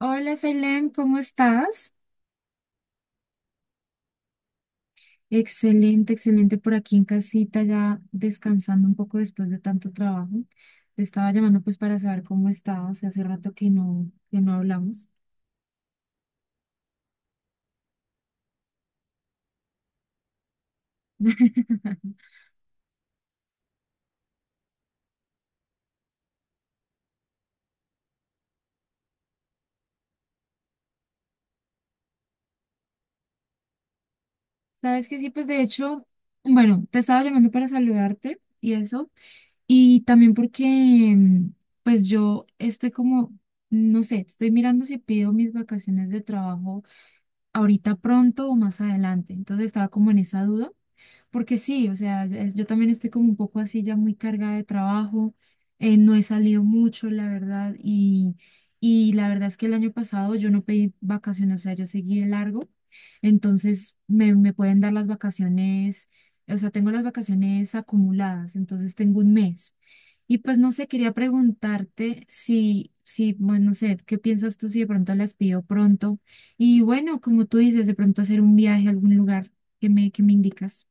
Hola, Selene, ¿cómo estás? Excelente, excelente por aquí en casita, ya descansando un poco después de tanto trabajo. Te estaba llamando pues para saber cómo estabas, hace rato que no hablamos. Sabes que sí, pues de hecho, bueno, te estaba llamando para saludarte y eso, y también porque mm, pues yo estoy como, no sé, estoy mirando si pido mis vacaciones de trabajo ahorita pronto o más adelante, entonces estaba como en esa duda. Porque sí, o sea, yo también estoy como un poco así ya muy cargada de trabajo, no he salido mucho, la verdad, y la verdad es que el año pasado yo no pedí vacaciones, o sea, yo seguí de largo, entonces me pueden dar las vacaciones, o sea, tengo las vacaciones acumuladas, entonces tengo un mes. Y pues no sé, quería preguntarte si, bueno, no sé, ¿qué piensas tú si de pronto las pido pronto? Y bueno, como tú dices, de pronto hacer un viaje a algún lugar que me indicas.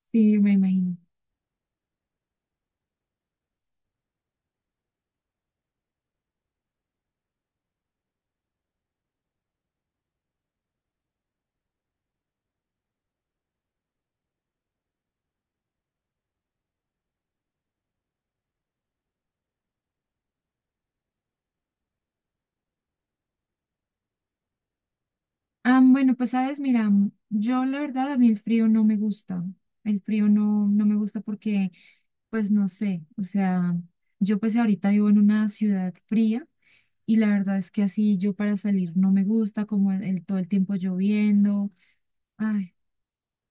Sí, me imagino. Ah, bueno, pues sabes, mira, yo la verdad a mí el frío no me gusta. El frío no, no me gusta porque, pues no sé, o sea, yo pues ahorita vivo en una ciudad fría y la verdad es que así yo para salir no me gusta, como todo el tiempo lloviendo. Ay,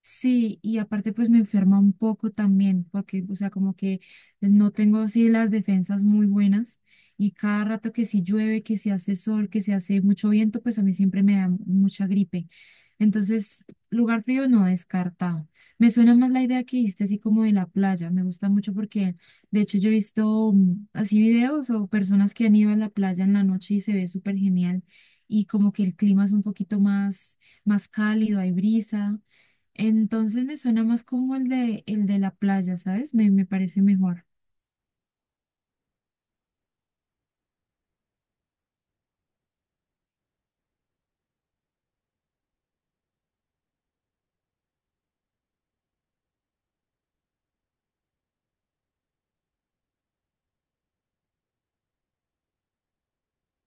sí, y aparte pues me enferma un poco también, porque, o sea, como que no tengo así las defensas muy buenas y cada rato que si llueve, que si hace sol, que si hace mucho viento, pues a mí siempre me da mucha gripe. Entonces, lugar frío no descartado. Me suena más la idea que hiciste así como de la playa, me gusta mucho porque de hecho yo he visto así videos o personas que han ido a la playa en la noche y se ve súper genial y como que el clima es un poquito más cálido, hay brisa. Entonces me suena más como el de la playa, ¿sabes? Me parece mejor.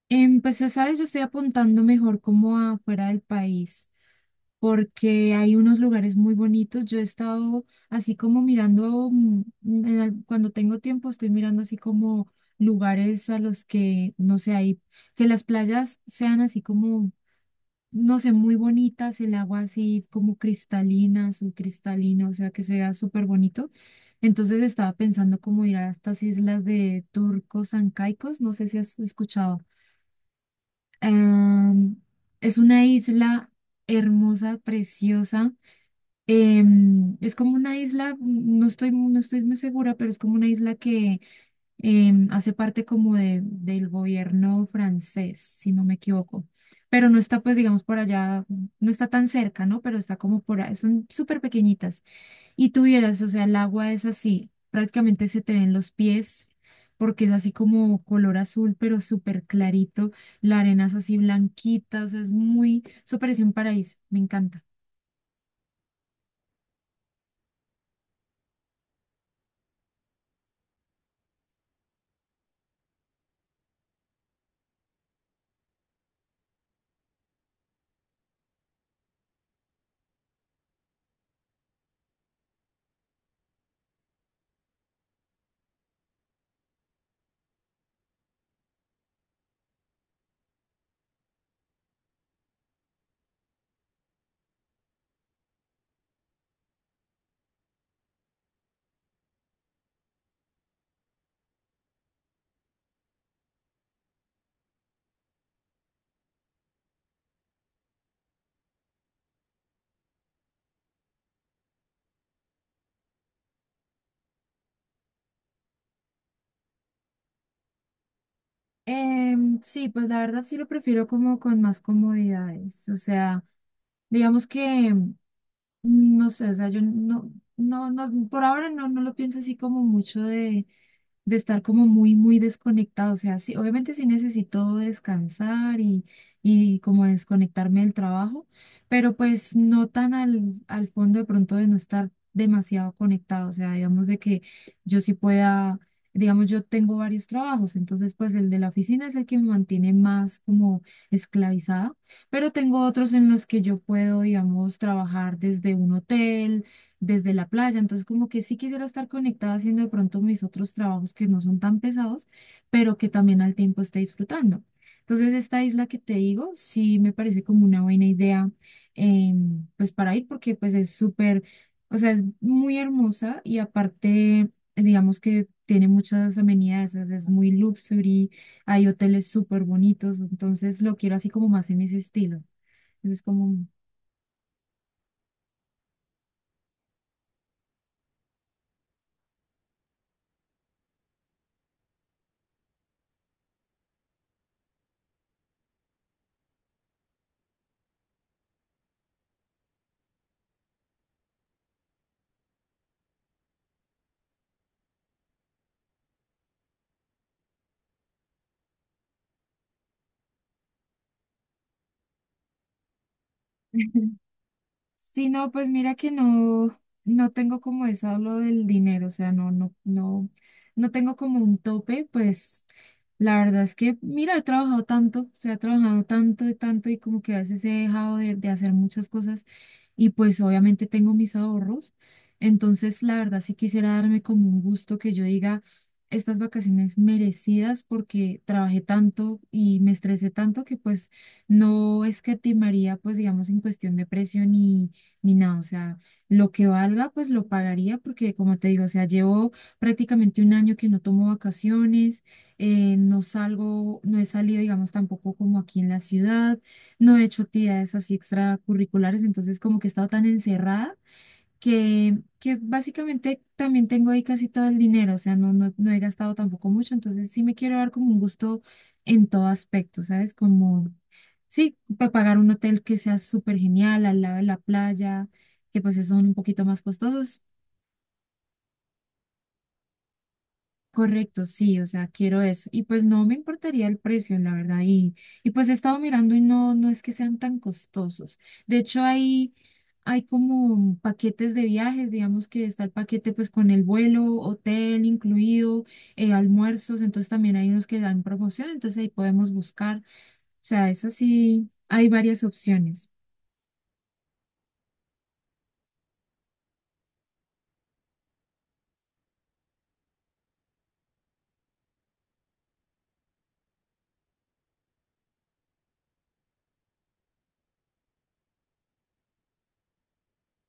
Pues ya sabes, yo estoy apuntando mejor como afuera del país, porque hay unos lugares muy bonitos. Yo he estado así como mirando, cuando tengo tiempo, estoy mirando así como lugares a los que, no sé, hay, que las playas sean así como no sé, muy bonitas, el agua así como cristalina, azul cristalina, o sea, que se vea súper bonito. Entonces estaba pensando cómo ir a estas islas de Turcos Ancaicos, no sé si has escuchado. Em, es una isla hermosa, preciosa. Em, es como una isla, no estoy muy segura, pero es como una isla que em, hace parte como del gobierno francés, si no me equivoco. Pero no está, pues, digamos, por allá, no está tan cerca, ¿no? Pero está como por ahí, son súper pequeñitas. Y tú vieras, o sea, el agua es así, prácticamente se te ven los pies, porque es así como color azul, pero súper clarito. La arena es así blanquita, o sea, es muy, eso parece un paraíso, me encanta. Em, sí, pues la verdad sí lo prefiero como con más comodidades, o sea, digamos que no sé, o sea, yo no, no, no, por ahora no lo pienso así como mucho de estar como muy, muy desconectado. O sea, sí, obviamente sí necesito descansar y como desconectarme del trabajo, pero pues no tan al fondo de pronto de no estar demasiado conectado. O sea, digamos de que yo sí pueda, digamos, yo tengo varios trabajos, entonces pues el de la oficina es el que me mantiene más como esclavizada, pero tengo otros en los que yo puedo, digamos, trabajar desde un hotel, desde la playa, entonces como que sí quisiera estar conectada haciendo de pronto mis otros trabajos que no son tan pesados, pero que también al tiempo esté disfrutando. Entonces esta isla que te digo, sí me parece como una buena idea, em, pues para ir, porque pues es súper, o sea, es muy hermosa y aparte, digamos que tiene muchas amenidades, o sea, es muy luxury, hay hoteles súper bonitos, entonces lo quiero así como más en ese estilo. Entonces como… Sí, no, pues mira que no tengo como eso lo del dinero, o sea, no tengo como un tope, pues la verdad es que, mira, he trabajado tanto, o sea, he trabajado tanto y tanto y como que a veces he dejado de hacer muchas cosas y pues obviamente tengo mis ahorros, entonces la verdad sí quisiera darme como un gusto que yo diga estas vacaciones merecidas porque trabajé tanto y me estresé tanto que pues no escatimaría, pues digamos, en cuestión de precio ni ni nada. O sea, lo que valga, pues lo pagaría porque, como te digo, o sea, llevo prácticamente un año que no tomo vacaciones, no salgo, no he salido, digamos, tampoco como aquí en la ciudad, no he hecho actividades así extracurriculares, entonces como que he estado tan encerrada que básicamente también tengo ahí casi todo el dinero, o sea, no he gastado tampoco mucho, entonces sí me quiero dar como un gusto en todo aspecto, ¿sabes? Como, sí, para pagar un hotel que sea súper genial al lado de la playa, que pues son un poquito más costosos. Correcto, sí, o sea, quiero eso. Y pues no me importaría el precio, la verdad. Y pues he estado mirando y no, no es que sean tan costosos. De hecho, hay como paquetes de viajes, digamos que está el paquete pues con el vuelo, hotel incluido, almuerzos, entonces también hay unos que dan promoción, entonces ahí podemos buscar. O sea, eso sí, hay varias opciones.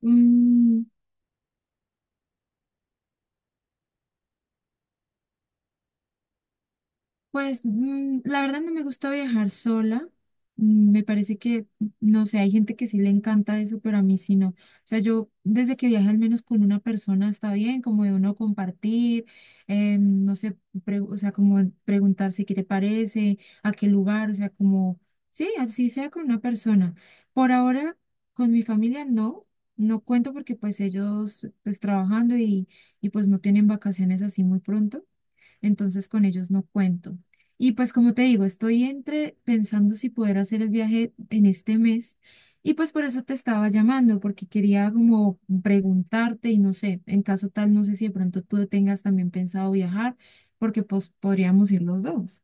Mm. Pues la verdad no me gusta viajar sola. Mm, me parece que, no sé, hay gente que sí le encanta eso, pero a mí sí no. O sea, yo desde que viaje al menos con una persona está bien, como de uno compartir, no sé, o sea, como preguntarse qué te parece, a qué lugar, o sea, como, sí, así sea con una persona. Por ahora, con mi familia no cuento porque pues ellos pues trabajando y pues no tienen vacaciones así muy pronto, entonces con ellos no cuento. Y pues como te digo, estoy entre pensando si poder hacer el viaje en este mes y pues por eso te estaba llamando, porque quería como preguntarte y no sé, en caso tal, no sé si de pronto tú tengas también pensado viajar, porque pues podríamos ir los dos.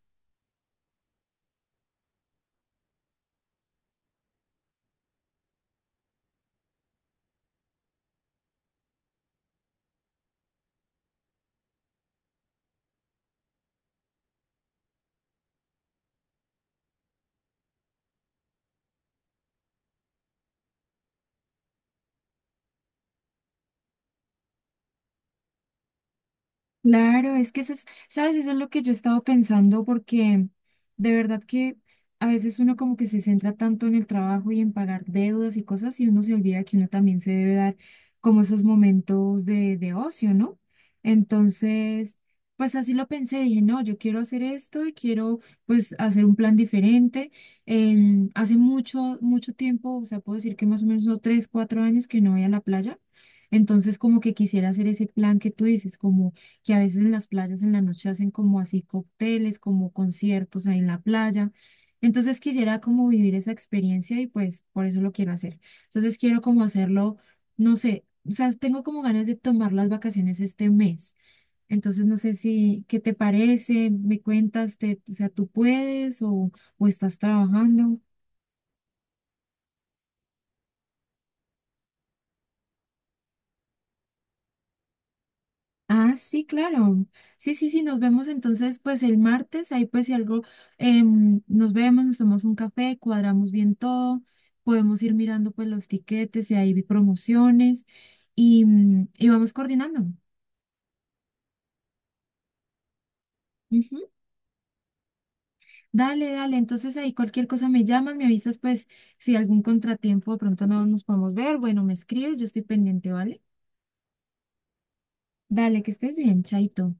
Claro, es que eso es, sabes, eso es lo que yo he estado pensando porque de verdad que a veces uno como que se centra tanto en el trabajo y en pagar deudas y cosas y uno se olvida que uno también se debe dar como esos momentos de ocio, ¿no? Entonces, pues así lo pensé, dije, no, yo quiero hacer esto y quiero pues hacer un plan diferente. Em, hace mucho, mucho tiempo, o sea, puedo decir que más o menos no, tres, cuatro años que no voy a la playa. Entonces, como que quisiera hacer ese plan que tú dices, como que a veces en las playas en la noche hacen como así cócteles, como conciertos ahí en la playa. Entonces quisiera como vivir esa experiencia y pues por eso lo quiero hacer. Entonces quiero como hacerlo, no sé, o sea, tengo como ganas de tomar las vacaciones este mes. Entonces no sé si, ¿qué te parece? ¿Me cuentas? Te, o sea, ¿tú puedes o estás trabajando? Ah, sí, claro. Sí, sí, sí, nos vemos entonces pues el martes, ahí pues si algo, em, nos vemos, nos tomamos un café, cuadramos bien todo, podemos ir mirando pues los tiquetes, si hay promociones y, y vamos coordinando. Ujú. Dale, dale, entonces ahí cualquier cosa me llamas, me avisas pues si algún contratiempo de pronto no nos podemos ver, bueno, me escribes, yo estoy pendiente, ¿vale? Dale, que estés bien, chaito.